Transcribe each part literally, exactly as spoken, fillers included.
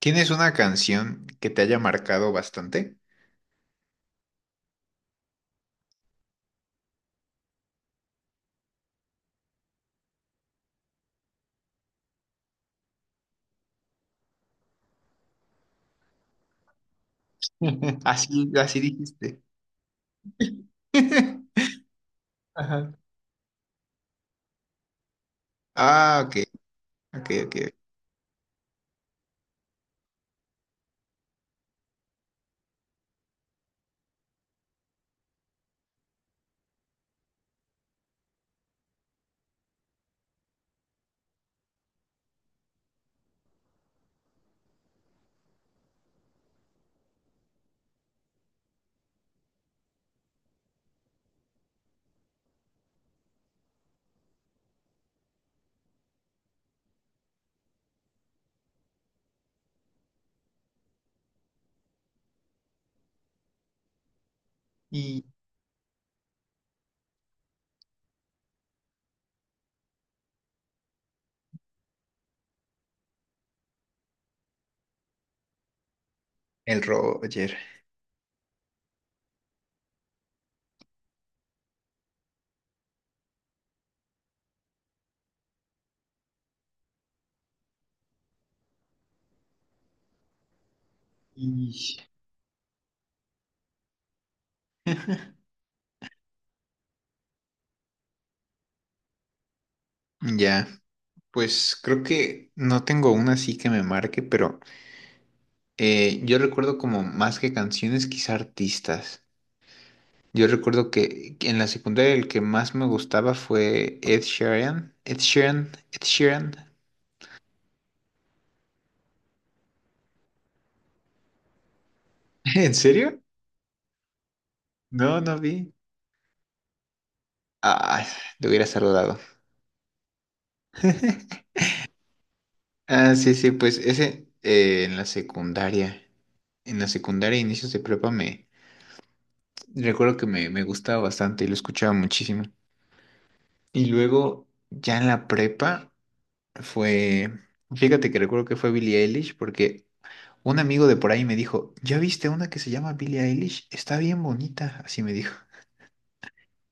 ¿Tienes una canción que te haya marcado bastante? Así, así dijiste. Ajá. Ah, ok, ok, ok. Y el Roger. Y Ya, pues creo que no tengo una así que me marque, pero eh, yo recuerdo como más que canciones, quizá artistas. Yo recuerdo que que en la secundaria el que más me gustaba fue Ed Sheeran. Ed Sheeran, Ed Sheeran. ¿En serio? No, no vi. Ah, te hubiera saludado. Ah, sí, sí, pues ese eh, en la secundaria, en la secundaria, inicios de prepa, me recuerdo que me, me gustaba bastante y lo escuchaba muchísimo. Y luego, ya en la prepa, fue, fíjate que recuerdo que fue Billie Eilish, porque un amigo de por ahí me dijo, ¿ya viste una que se llama Billie Eilish? Está bien bonita, así me dijo.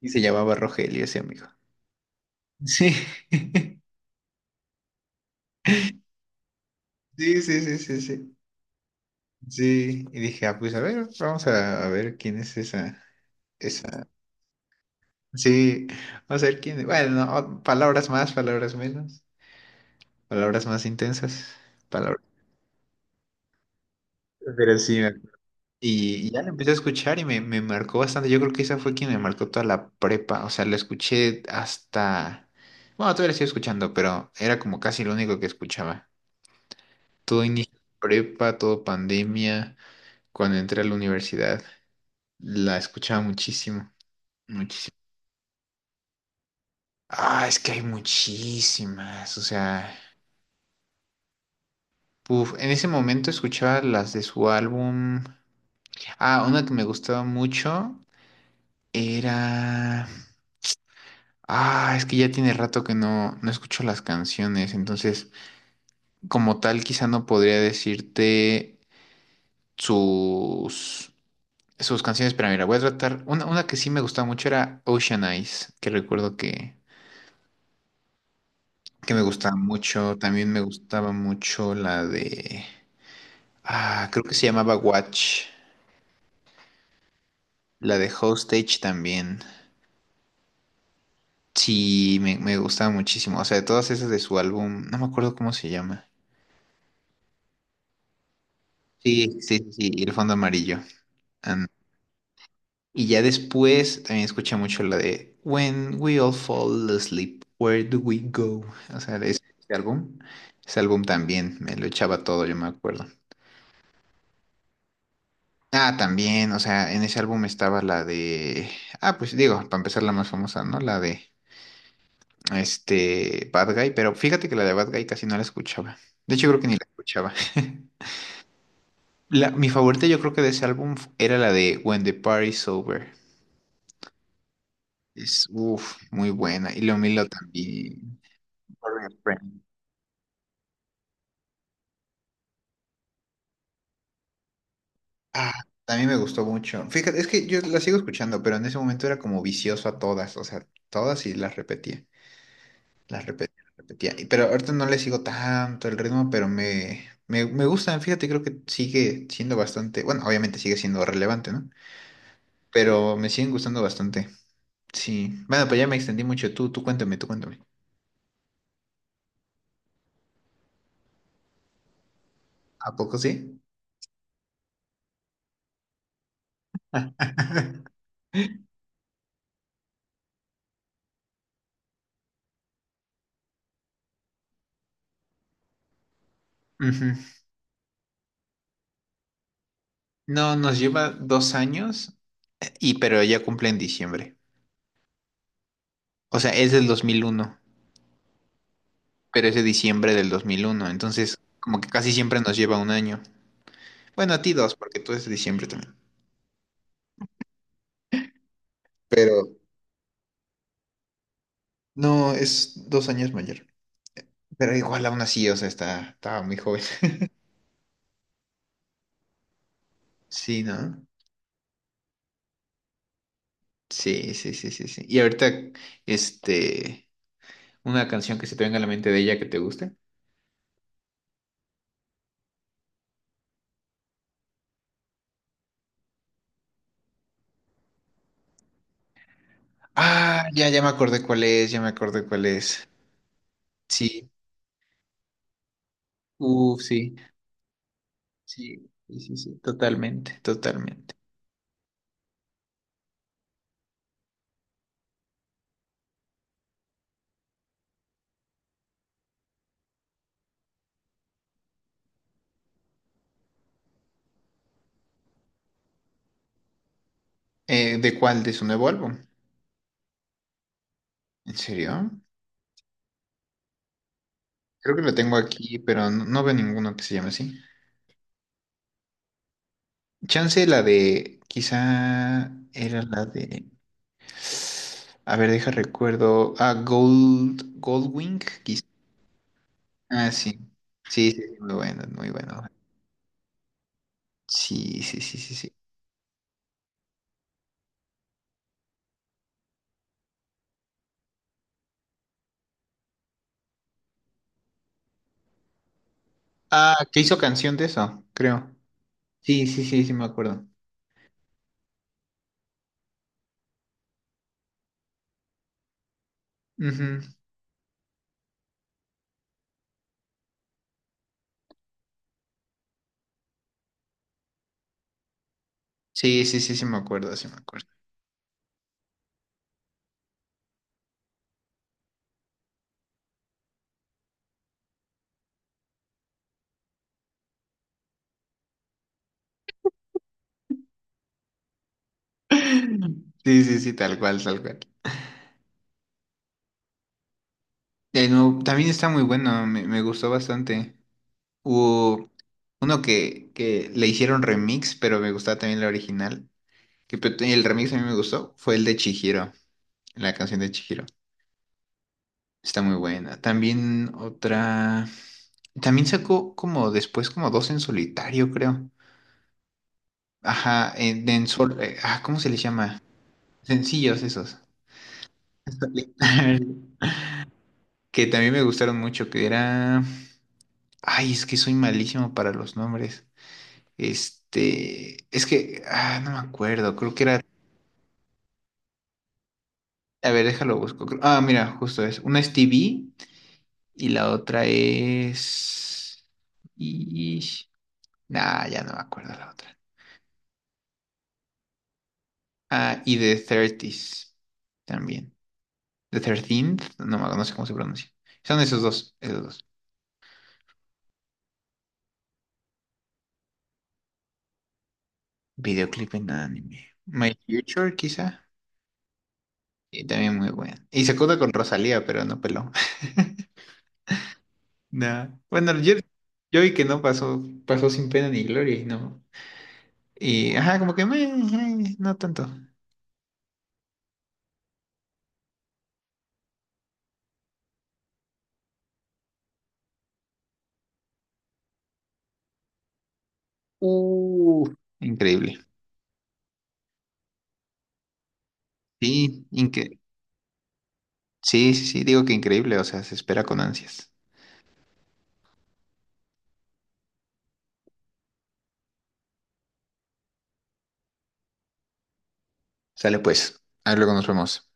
Y se llamaba Rogelio ese amigo. Sí, sí, sí, sí, sí, sí. Sí, y dije, ah, pues a ver, vamos a, a ver quién es esa, esa. Sí, o sea, el quién, bueno, o- palabras más, palabras menos, palabras más intensas, palabras, pero sí, me- y, y ya lo empecé a escuchar y me, me marcó bastante, yo creo que esa fue quien me marcó toda la prepa, o sea, lo escuché hasta, bueno, todavía lo sigo escuchando, pero era como casi lo único que escuchaba, todo inicio de prepa, todo pandemia, cuando entré a la universidad, la escuchaba muchísimo, muchísimo, ah, es que hay muchísimas, o sea... Uf, en ese momento escuchaba las de su álbum. Ah, una que me gustaba mucho era. Ah, es que ya tiene rato que no, no escucho las canciones, entonces, como tal, quizá no podría decirte sus, sus canciones, pero mira, voy a tratar. Una, una que sí me gustaba mucho era Ocean Eyes, que recuerdo que, que me gustaba mucho. También me gustaba mucho la de. Ah, creo que se llamaba Watch, la de Hostage también. Sí, me, me gustaba muchísimo. O sea, de todas esas de su álbum, no me acuerdo cómo se llama. Sí, sí, sí, sí, El Fondo Amarillo. And- y ya después también escuché mucho la de When We All Fall Asleep, Where Do We Go? O sea, de ese, ese álbum. Ese álbum también, me lo echaba todo, yo me acuerdo. Ah, también, o sea, en ese álbum estaba la de... Ah, pues digo, para empezar la más famosa, ¿no? La de, este, Bad Guy, pero fíjate que la de Bad Guy casi no la escuchaba. De hecho, creo que ni la escuchaba. La, mi favorita yo creo que de ese álbum era la de When the Party's Over. Es, uff, muy buena. Y lo Milo también. Burning Friend. Ah, también me gustó mucho. Fíjate, es que yo la sigo escuchando, pero en ese momento era como vicioso a todas, o sea, todas y las repetía, las repetía, las repetía. Y- Pero ahorita no le sigo tanto el ritmo, pero me, me, me gustan, fíjate, creo que sigue siendo bastante, bueno, obviamente sigue siendo relevante, ¿no? Pero me siguen gustando bastante. Sí. Bueno, pues ya me extendí mucho. Tú, tú cuéntame, tú cuéntame. ¿A poco sí? Ujú. No, nos lleva dos años, y pero ella cumple en diciembre. O sea, es del dos mil uno, pero es de diciembre del dos mil uno. Entonces, como que casi siempre nos lleva un año. Bueno, a ti dos, porque tú es de diciembre también. Pero no, es dos años mayor. Pero igual aún así, o sea, está, estaba muy joven. Sí, ¿no? Sí, sí, sí, sí, sí. Y ahorita, este, una canción que se te venga a la mente de ella que te guste. Ah, ya, ya me acordé cuál es, ya me acordé cuál es. Sí, uff, sí. Sí, sí, sí, sí, totalmente, totalmente. Eh, ¿de cuál? ¿De su nuevo álbum? ¿En serio? Creo que lo tengo aquí, pero no, no veo ninguno que se llame así. Chance la de, quizá era la de, a ver, deja recuerdo, ah, Gold, Goldwing, quizá. Ah, sí, sí, sí, sí, muy bueno, muy bueno. Sí, sí, sí, sí, sí. Ah, que hizo canción de eso, creo. Sí, sí, sí, sí, me acuerdo. Ujú. Sí, sí, sí, sí, me acuerdo, sí, me acuerdo. Sí, sí, sí, tal cual, tal cual. Eh, no, también está muy bueno, me, me gustó bastante. Hubo uno que, que le hicieron remix, pero me gustaba también la original. Que, pe- el remix a mí me gustó, fue el de Chihiro, la canción de Chihiro. Está muy buena. También otra... También sacó como después como dos en solitario, creo. Ajá, en, en sol... eh, ah, ¿cómo se les llama? Sencillos esos. Que también me gustaron mucho, que era... Ay, es que soy malísimo para los nombres. Este, es que, ah, no me acuerdo, creo que era, a ver, déjalo busco. Creo- Ah, mira, justo es. Una es T V y la otra es... Y... Nah, ya no me acuerdo la otra. Ah, y The thirties también. The thirteenth, no, me- no sé cómo se pronuncia. Son esos dos, esos dos. Videoclip en anime. My Future, quizá. Y también muy bueno. Y se acuda con Rosalía, pero no peló. Nah. Bueno, yo, yo vi que no pasó, pasó sin pena ni gloria y no. Y ajá, como que meh, meh, no tanto. Uh, increíble. Sí, inque- sí, sí, sí, digo que increíble, o sea, se espera con ansias. Sale pues, ahí luego nos vemos.